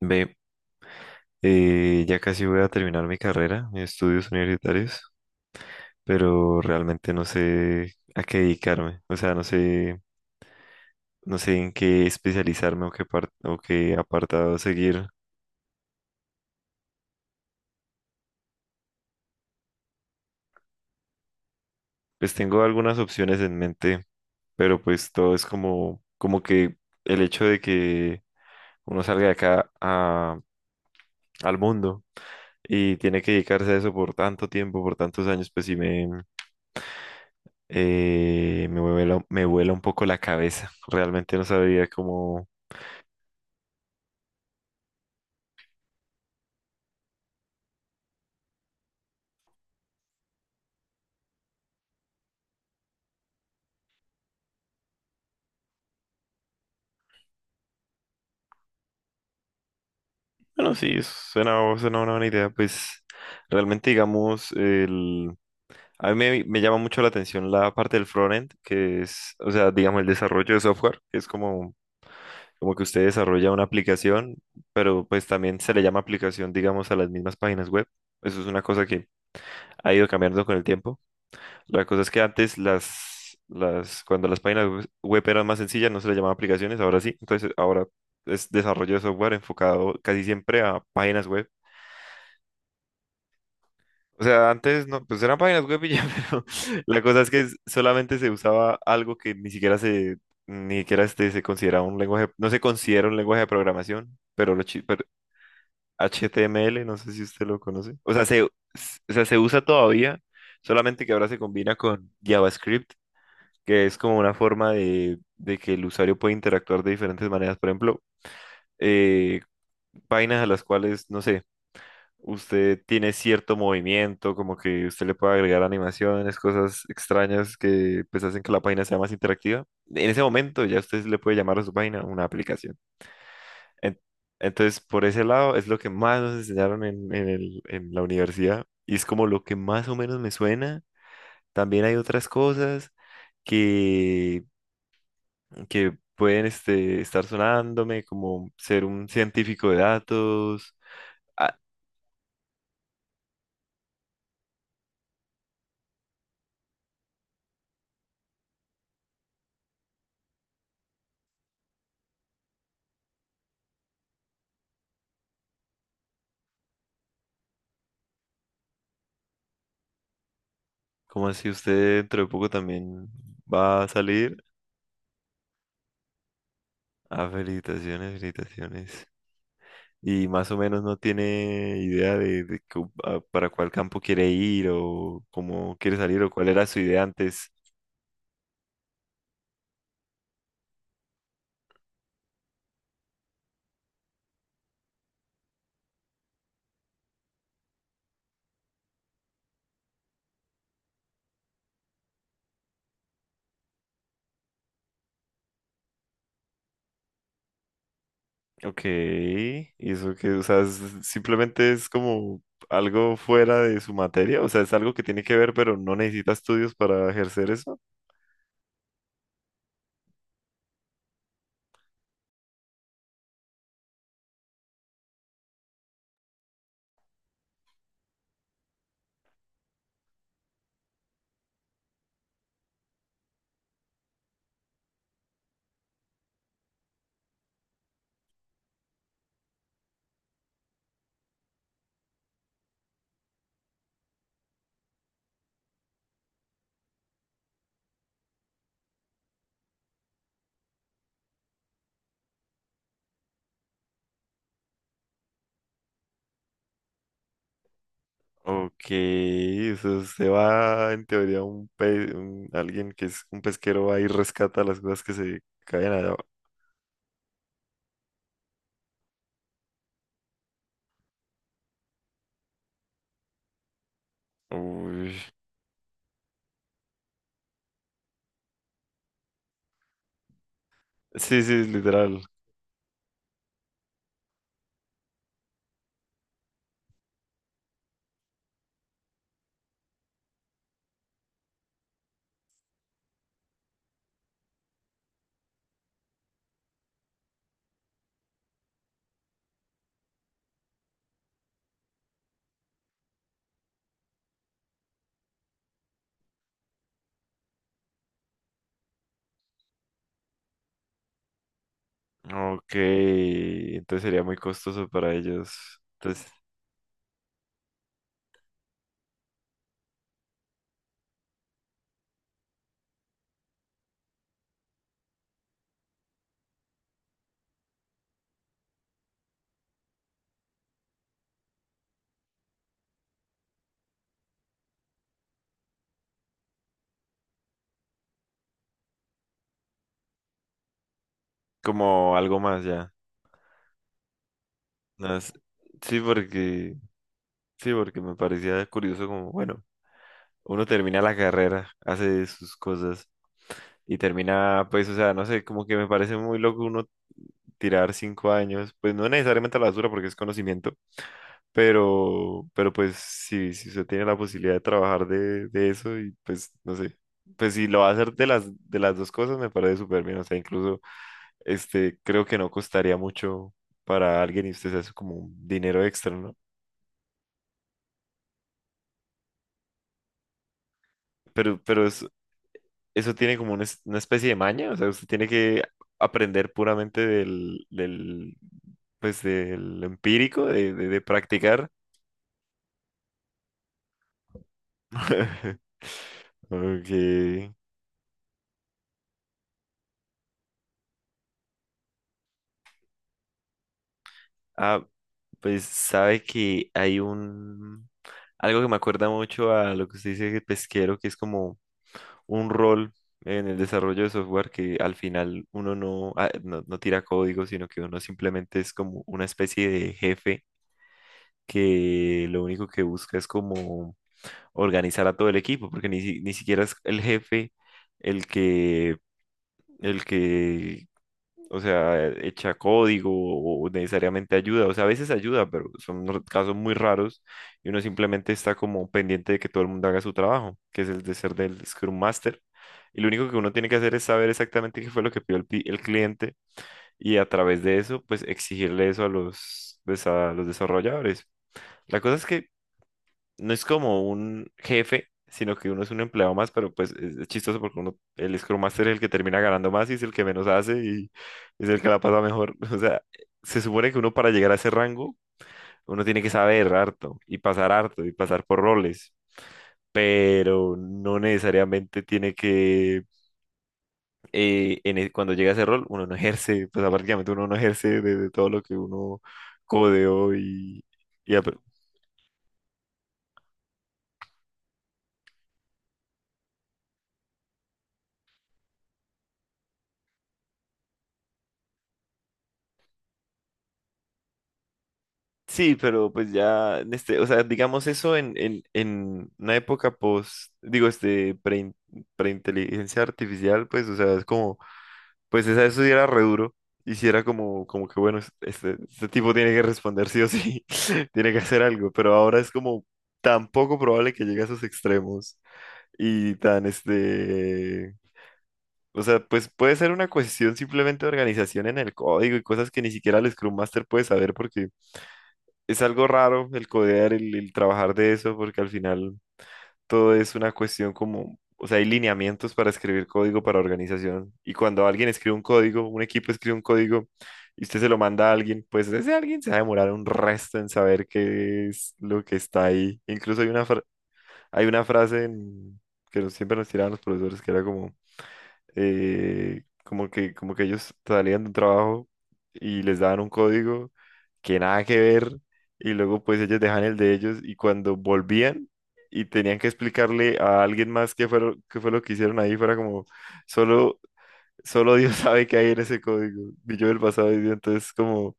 Ve, ya casi voy a terminar mi carrera, mis estudios universitarios, pero realmente no sé a qué dedicarme. O sea, no sé en qué especializarme o o qué apartado seguir. Pues tengo algunas opciones en mente, pero pues todo es como que el hecho de que uno salga de acá al mundo y tiene que dedicarse a eso por tanto tiempo, por tantos años, pues sí. Me vuela, un poco la cabeza. Realmente no sabría cómo. Bueno, sí, suena una buena idea. Pues realmente, digamos, a mí me llama mucho la atención la parte del frontend, que es, o sea, digamos, el desarrollo de software, que es como que usted desarrolla una aplicación, pero pues también se le llama aplicación, digamos, a las mismas páginas web. Eso es una cosa que ha ido cambiando con el tiempo. La cosa es que antes cuando las páginas web eran más sencillas, no se les llamaba aplicaciones, ahora sí. Entonces ahora es desarrollo de software enfocado casi siempre a páginas web. O sea, antes no, pues eran páginas web y ya, pero la cosa es que solamente se usaba algo que ni siquiera se considera un lenguaje, no se considera un lenguaje de programación, pero, pero HTML, no sé si usted lo conoce. O sea, se usa todavía, solamente que ahora se combina con JavaScript, que es como una forma de que el usuario puede interactuar de diferentes maneras. Por ejemplo, eh, vainas a las cuales, no sé, usted tiene cierto movimiento, como que usted le puede agregar animaciones, cosas extrañas que pues hacen que la página sea más interactiva. En ese momento ya usted le puede llamar a su página una aplicación. En- entonces, por ese lado es lo que más nos enseñaron en la universidad, y es como lo que más o menos me suena. También hay otras cosas que que pueden estar sonándome, como ser un científico de datos. Ah, ¿como así? Usted dentro de poco también va a salir. Ah, felicitaciones, felicitaciones. Y más o menos no tiene idea de para cuál campo quiere ir o cómo quiere salir o cuál era su idea antes. Ok, y eso que, o sea, simplemente es como algo fuera de su materia, o sea, es algo que tiene que ver, pero no necesita estudios para ejercer eso. Ok, o sea, usted va en teoría alguien que es un pesquero va y rescata las cosas que se caen allá. Uy. Sí, sí, literal. Ok, entonces sería muy costoso para ellos. Entonces, como algo más ya. No es- Sí, porque me parecía curioso como, bueno, uno termina la carrera, hace sus cosas y termina, pues, o sea, no sé, como que me parece muy loco uno tirar 5 años, pues no necesariamente a la basura porque es conocimiento, pero, pues si usted tiene la posibilidad de trabajar de eso, y pues no sé, pues si lo va a hacer de de las dos cosas me parece súper bien, o sea, incluso creo que no costaría mucho para alguien y usted se hace como un dinero extra, ¿no? Pero, pero es- eso tiene como una especie de maña, o sea, usted tiene que aprender puramente pues del empírico, de practicar. Okay. Ah, pues sabe que hay un algo que me acuerda mucho a lo que usted dice de pesquero, que es como un rol en el desarrollo de software que al final uno no tira código, sino que uno simplemente es como una especie de jefe, que lo único que busca es como organizar a todo el equipo, porque ni siquiera es el jefe el que el que echa código o necesariamente ayuda. O sea, a veces ayuda, pero son casos muy raros, y uno simplemente está como pendiente de que todo el mundo haga su trabajo, que es el de ser del Scrum Master. Y lo único que uno tiene que hacer es saber exactamente qué fue lo que pidió el cliente, y a través de eso, pues exigirle eso a a los desarrolladores. La cosa es que no es como un jefe, sino que uno es un empleado más, pero pues es chistoso, porque el Scrum Master es el que termina ganando más y es el que menos hace y es el que la pasa mejor. O sea, se supone que uno para llegar a ese rango, uno tiene que saber harto y pasar por roles. Pero no necesariamente tiene que, cuando llega a ese rol, uno no ejerce, pues prácticamente uno no ejerce de todo lo que uno codeó y, sí, pero pues ya, o sea, digamos eso en una época post, digo, preinteligencia artificial, pues, o sea, es pues esa eso sí era re duro, y si era como que bueno, este tipo tiene que responder sí o sí, tiene que hacer algo, pero ahora es como tan poco probable que llegue a esos extremos, y tan, o sea, pues puede ser una cuestión simplemente de organización en el código y cosas que ni siquiera el Scrum Master puede saber, porque es algo raro el codear, el trabajar de eso, porque al final todo es una cuestión como, o sea, hay lineamientos para escribir código, para organización. Y cuando alguien escribe un código, un equipo escribe un código y usted se lo manda a alguien, pues ese alguien se va a demorar un resto en saber qué es lo que está ahí. Incluso hay una frase siempre nos tiraban los profesores, que era como como que ellos salían de un trabajo y les daban un código que nada que ver, y luego pues ellos dejan el de ellos y cuando volvían y tenían que explicarle a alguien más qué fue, qué fue lo que hicieron ahí, fuera como solo, solo Dios sabe qué hay en ese código, y yo del pasado, y entonces como,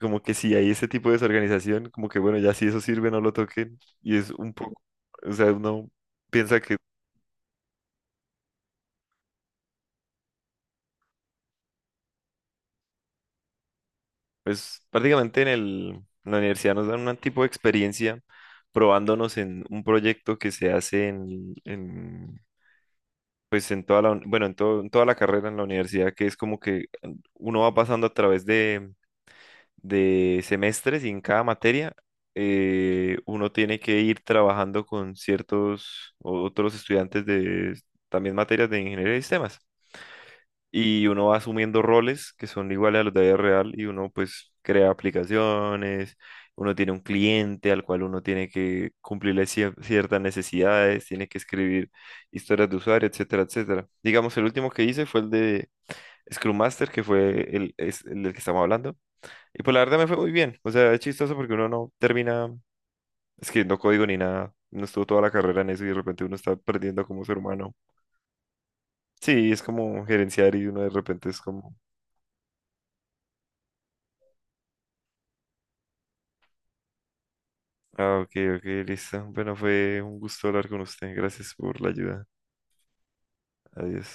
como que si hay ese tipo de desorganización, como que bueno, ya si eso sirve no lo toquen, y es un poco, o sea, uno piensa que. Pues prácticamente en la universidad nos dan un tipo de experiencia, probándonos en un proyecto que se hace en toda la, uni- bueno, en todo- en toda la carrera en la universidad, que es como que uno va pasando a través de semestres, y en cada materia uno tiene que ir trabajando con ciertos otros estudiantes de también materias de ingeniería de sistemas, y uno va asumiendo roles que son iguales a los de la vida real y uno pues crea aplicaciones, uno tiene un cliente al cual uno tiene que cumplirle ciertas necesidades, tiene que escribir historias de usuario, etcétera, etcétera. Digamos, el último que hice fue el de Scrum Master, que es el del que estamos hablando. Y pues la verdad me fue muy bien. O sea, es chistoso porque uno no termina escribiendo código ni nada. No estuvo toda la carrera en eso y de repente uno está perdiendo como ser humano. Sí, es como gerenciar y uno de repente es como. Ah, ok, ok, listo. Bueno, fue un gusto hablar con usted. Gracias por la ayuda. Adiós.